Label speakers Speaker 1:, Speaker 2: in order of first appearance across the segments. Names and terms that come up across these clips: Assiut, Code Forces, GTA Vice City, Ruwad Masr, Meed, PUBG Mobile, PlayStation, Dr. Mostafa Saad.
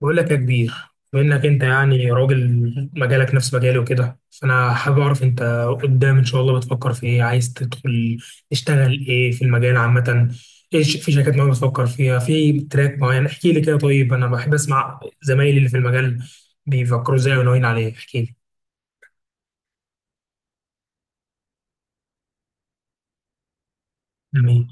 Speaker 1: بقول لك يا كبير، بما انك انت يعني راجل مجالك نفس مجالي وكده، فانا حابب اعرف انت قدام ان شاء الله بتفكر في ايه. عايز تدخل تشتغل ايه في المجال عامة؟ ايش في شركات معينة بتفكر فيها؟ في تراك معين؟ احكي لي كده. طيب انا بحب اسمع زمايلي اللي في المجال بيفكروا ازاي وناويين عليه. احكي لي. جميل.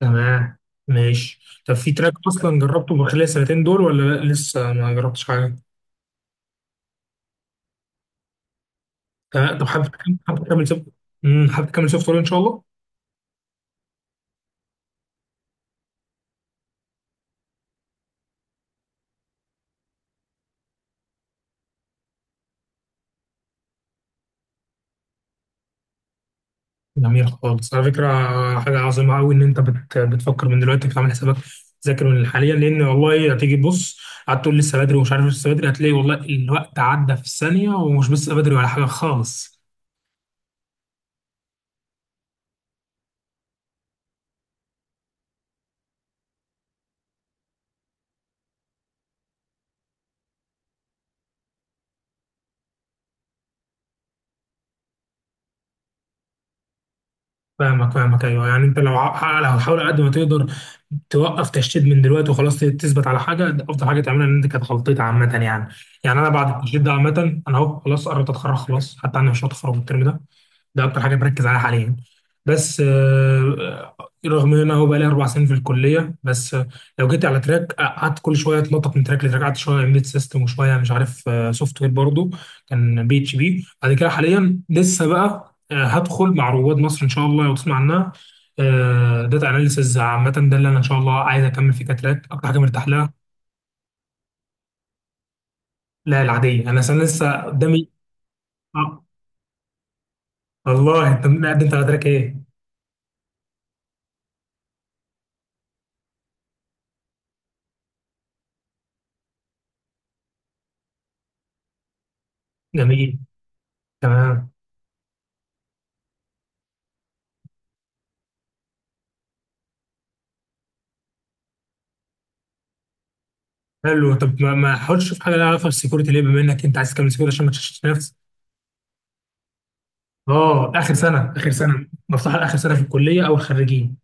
Speaker 1: تمام. ماشي. طب في تراك اصلا جربته من خلال السنتين دول ولا لا لسه ما جربتش حاجة؟ تمام. طب حابب تكمل سوفت حابب تكمل سوفت وير ان شاء الله. جميل خالص، على فكرة. حاجة عظيمة أوي إن أنت بتفكر من دلوقتي، بتعمل حسابك، تذاكر من حاليا، لأن والله هتيجي تبص قعدت تقول لسه بدري ومش عارف، لسه بدري، هتلاقي والله الوقت عدى في الثانية ومش لسه بدري ولا حاجة خالص. فاهمك. ايوه، يعني انت لو هتحاول على قد ما تقدر توقف تشتيت من دلوقتي وخلاص، تثبت على حاجه، ده افضل حاجه تعملها، ان انت كانت غلطتي عامه يعني. يعني انا بعد التشتيت ده عامه انا اهو خلاص قربت اتخرج، خلاص حتى انا مش هتخرج الترم ده. ده اكتر حاجه بركز عليها حاليا. بس رغم ان انا هو بقالي 4 سنين في الكليه. بس لو جيت على تراك، قعدت كل شويه اتنطط من تراك لتراك، قعدت شويه امبيد سيستم وشويه مش عارف، سوفت وير برضه، كان بي اتش بي. بعد كده حاليا لسه بقى هدخل مع رواد مصر ان شاء الله، لو تسمع عنها، داتا اناليسز عامه. ده اللي انا ان شاء الله عايز اكمل فيه كتراك، اكتر حاجه مرتاح لها. لا، العاديه. انا أصلاً لسه قدامي. آه. والله انت مقدم على تراك ايه؟ جميل. تمام. حلو. طب ما حاولتش تشوف حاجه لها علاقه بالسكيورتي ليه، بما انك انت عايز تكمل سكيورتي، عشان ما تشتتش نفسك؟ اه، اخر سنه. اخر سنه مفتوحه، لاخر سنه في الكليه او الخريجين.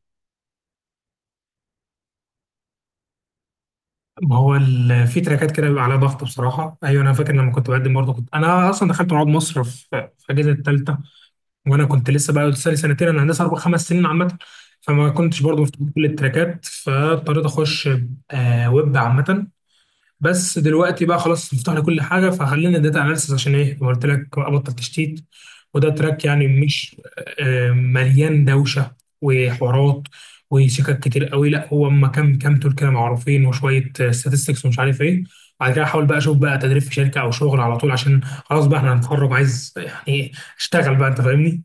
Speaker 1: ما هو في تراكات كده بيبقى عليها ضغط بصراحه، ايوه انا فاكر لما كنت بقدم برضه، كنت انا اصلا دخلت رواد مصر في اجازه الثالثه. وانا كنت لسه بقى لسه لي سنتين، انا هندسه 4 5 سنين عامه، فما كنتش برضو مفتوح كل التراكات، فاضطريت اخش ويب عامه. بس دلوقتي بقى خلاص مفتوح لي كل حاجه، فخلينا داتا اناليسيس. عشان ايه؟ زي ما قلت لك، ابطل تشتيت. وده تراك يعني مش مليان دوشه وحوارات وشكك كتير قوي، لا، هو اما كام كام تول كده معروفين وشويه statistics ومش عارف ايه. بعد كده احاول بقى اشوف بقى تدريب في شركه او شغل على طول، عشان خلاص بقى احنا هنتخرج، عايز يعني اشتغل بقى، انت فاهمني.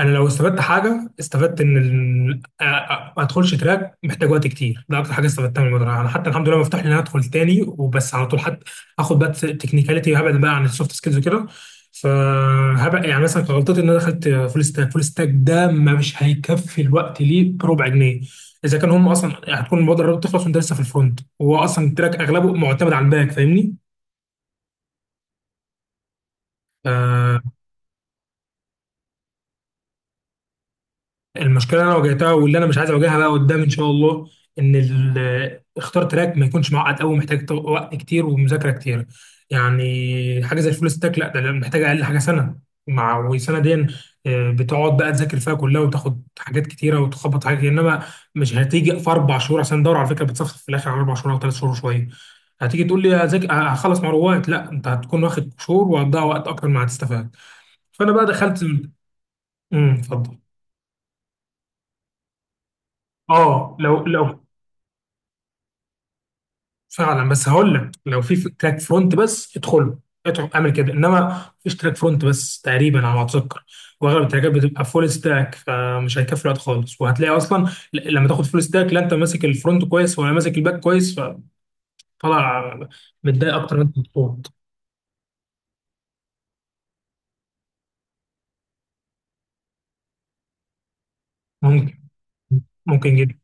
Speaker 1: انا لو استفدت حاجه، استفدت ان ما ادخلش تراك محتاج وقت كتير. ده اكتر حاجه استفدتها من المدرسه. انا حتى الحمد لله مفتوح لي ان انا ادخل تاني، وبس على طول حد اخد بقى تكنيكاليتي، وهبعد بقى عن السوفت سكيلز وكده. فهبقى يعني مثلا كان غلطتي ان انا دخلت فول ستاك. فول ستاك ده مش هيكفي الوقت ليه بربع جنيه، اذا كان هم اصلا هتكون المبادره بتخلص وانت لسه في الفرونت، وهو اصلا التراك اغلبه معتمد على الباك، فاهمني. آه، المشكله اللي انا واجهتها، واللي انا مش عايز اواجهها بقى قدام ان شاء الله، ان اختار تراك ما يكونش معقد قوي، محتاج وقت كتير ومذاكره كتير. يعني حاجه زي الفول ستاك، لا ده محتاج اقل حاجه سنه، وسنه دي بتقعد بقى تذاكر فيها كلها وتاخد حاجات كتيره وتخبط حاجات كتير. انما مش هتيجي في 4 شهور، عشان الدوره على فكره بتصفصف في الاخر على 4 شهور او 3 شهور شويه. هتيجي تقول لي، هخلص مروات؟ لا، انت هتكون واخد شهور وهتضيع وقت اكتر ما هتستفاد. فانا بقى دخلت. اتفضل. اه، لو فعلا، بس هقول لك لو في تراك فرونت بس ادخله، ادخل اعمل كده. انما مفيش تراك فرونت بس تقريبا على ما اتذكر، واغلب التراكات بتبقى فول ستاك، فمش هيكفي الوقت خالص. وهتلاقي اصلا لما تاخد فول ستاك، لا انت ماسك الفرونت كويس ولا ماسك الباك كويس، فطلع متضايق اكتر من انت مبسوط. ممكن. ممكن جدا.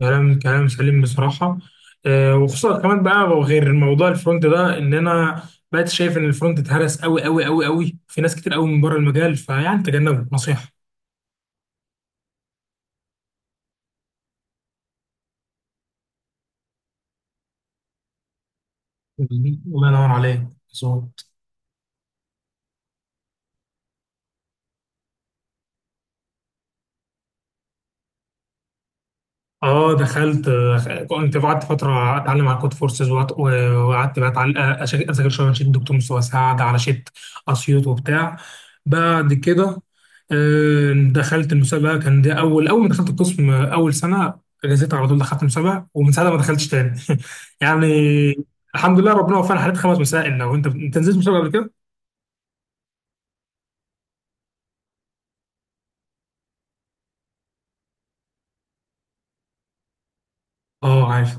Speaker 1: كلام سليم بصراحه. وخصوصا كمان بقى، غير موضوع الفرونت ده، ان انا بقيت شايف ان الفرونت اتهرس قوي قوي قوي قوي في ناس كتير قوي من بره المجال، فيعني تجنبه نصيحه. الله ينور عليك، مظبوط. اه دخلت. كنت قعدت فتره اتعلم على كود فورسز، وقعدت بقى اذاكر شويه من شيت دكتور مصطفى سعد، على شيت اسيوط وبتاع. بعد كده دخلت المسابقه، كان ده اول. اول ما دخلت القسم اول سنه، جازيت على طول دخلت مسابقه، ومن ساعتها ما دخلتش تاني يعني الحمد لله ربنا وفقنا، حليت 5 مسائل. لو انت نزلت مسابقه قبل كده. اه عارف.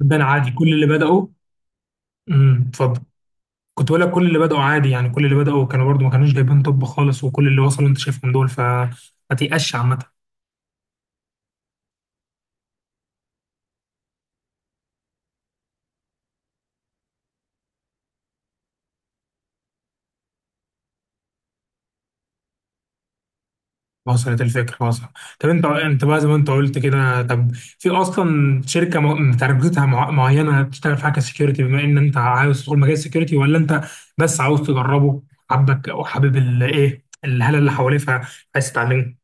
Speaker 1: ده عادي، كل اللي بداوا. اتفضل. كنت بقول لك، كل اللي بدأوا عادي يعني، كل اللي بدأوا كانوا برضو ما كانوش جايبين طب خالص، وكل اللي وصلوا انت شايفهم دول، فما تيأسش عامة. وصلت الفكرة، وصلت. طب انت بقى زي ما انت قلت كده، طب في اصلا شركة تارجتها معينة بتشتغل في حاجة سكيورتي، بما ان انت عاوز تدخل مجال السكيورتي، ولا انت بس عاوز تجربه؟ حبك او حابب الايه، الهالة اللي حواليه، فعايز تتعلمه؟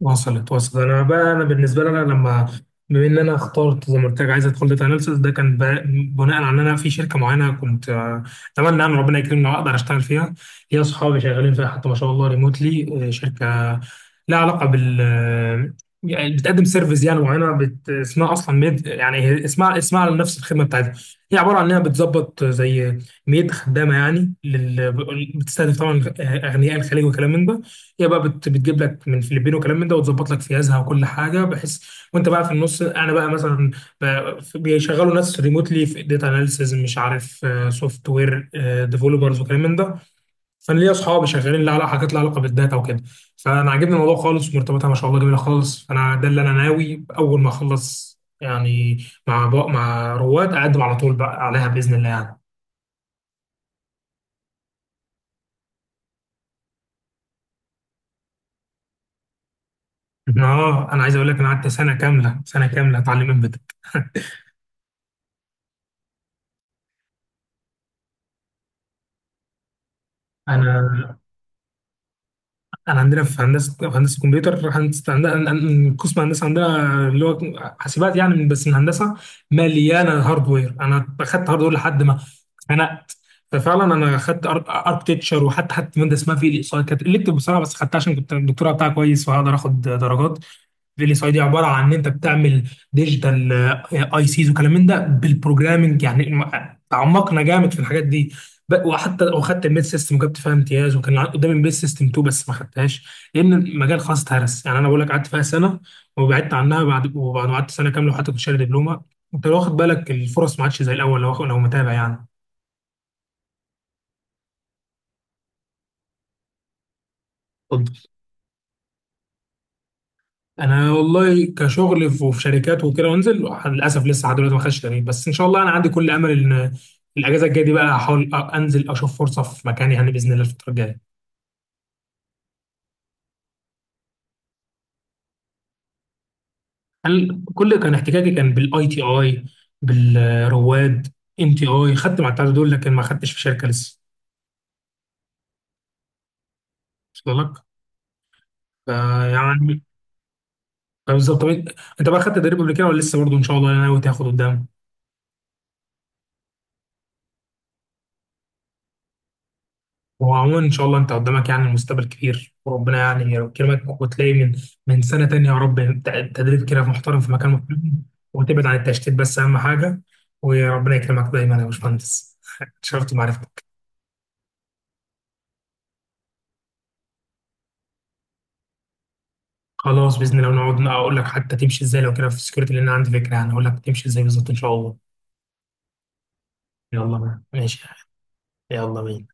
Speaker 1: وصلت، وصلت. انا بقى، انا بالنسبه لي، انا بما ان انا اخترت زي ما قلت لك عايز ادخل داتا اناليسيس، ده كان بناء على ان انا في شركه معينه، كنت اتمنى ان ربنا يكرمني واقدر اشتغل فيها. هي اصحابي شغالين فيها حتى ما شاء الله، ريموتلي. شركه لها علاقه يعني بتقدم سيرفيس يعني معينه، اسمها اصلا ميد، يعني هي اسمها على نفس الخدمه بتاعتها. هي عباره عن انها بتظبط زي ميد خدامه يعني بتستهدف طبعا اغنياء الخليج وكلام من ده. هي بقى بتجيب لك من الفلبين وكلام من ده، وتظبط لك فيازها وكل حاجه، بحيث وانت بقى في النص. انا بقى مثلا، بيشغلوا ناس ريموتلي في داتا اناليسز، مش عارف، سوفت وير ديفلوبرز وكلام من ده. فانا ليا اصحابي شغالين لها على حاجات لها علاقه بالداتا وكده، فانا عاجبني الموضوع خالص، ومرتباتها ما شاء الله جميله خالص، فانا ده اللي انا ناوي اول ما اخلص يعني، مع رواد، اقدم على طول بقى عليها باذن الله يعني. اه انا عايز اقول لك، انا قعدت سنه كامله، سنه كامله اتعلم امبيدد. انا انا عندنا في هندسه كمبيوتر، هندسه عندنا قسم هندسه عندنا اللي هو حاسبات يعني، بس من هندسه مليانه هاردوير. انا اخدت هاردوير لحد ما اتخنقت. ففعلا انا اخدت اركتكتشر، وحتى ماده اسمها في الاقصاء كانت، قلت بصراحه بس خدتها عشان كنت الدكتوره بتاعها كويس وهقدر اخد درجات. فيلي ساي دي عباره عن ان انت بتعمل ديجيتال اي سيز وكلام من ده بالبروجرامنج يعني، تعمقنا جامد في الحاجات دي. وحتى وخدت الميد سيستم وجبت فيها امتياز، وكان قدامي الميد سيستم 2 بس ما خدتهاش لان المجال خلاص اتهرس. يعني انا بقول لك قعدت فيها سنه وبعدت عنها، وبعد ما قعدت سنه كامله، وحتى كنت شاري دبلومه. انت لو واخد بالك، الفرص ما عادش زي الاول، لو متابع يعني. اتفضل. انا والله كشغل وفي شركات وكده وانزل، للاسف لسه لحد دلوقتي ما خدتش تدريب، بس ان شاء الله انا عندي كل امل ان الاجازه الجايه دي بقى، هحاول انزل اشوف فرصه في مكاني، يعني باذن الله الفتره الجايه. انا كان احتكاكي كان بالاي تي اي، بالرواد. ان تي اي خدت مع الثلاثه دول، لكن ما خدتش في شركه لسه. وصل لك؟ فيعني بالظبط. طب انت بقى خدت تدريب قبل كده ولا لسه؟ برضه ان شاء الله انا ناوي تاخد قدام. هو عموما ان شاء الله انت قدامك يعني المستقبل كبير، وربنا يعني يكرمك، وتلاقي من سنه تانية يا رب تدريب كده محترم في مكان محترم. وتبعد عن التشتيت، بس اهم حاجه. وربنا يكرمك دايما يا باشمهندس اتشرفت بمعرفتك. خلاص باذن الله، ونقعد اقول لك حتى تمشي ازاي لو كده في السكيورتي، لان انا عندي فكره يعني اقول لك تمشي ازاي بالظبط ان شاء الله. يلا بقى. ماشي. يلا بينا.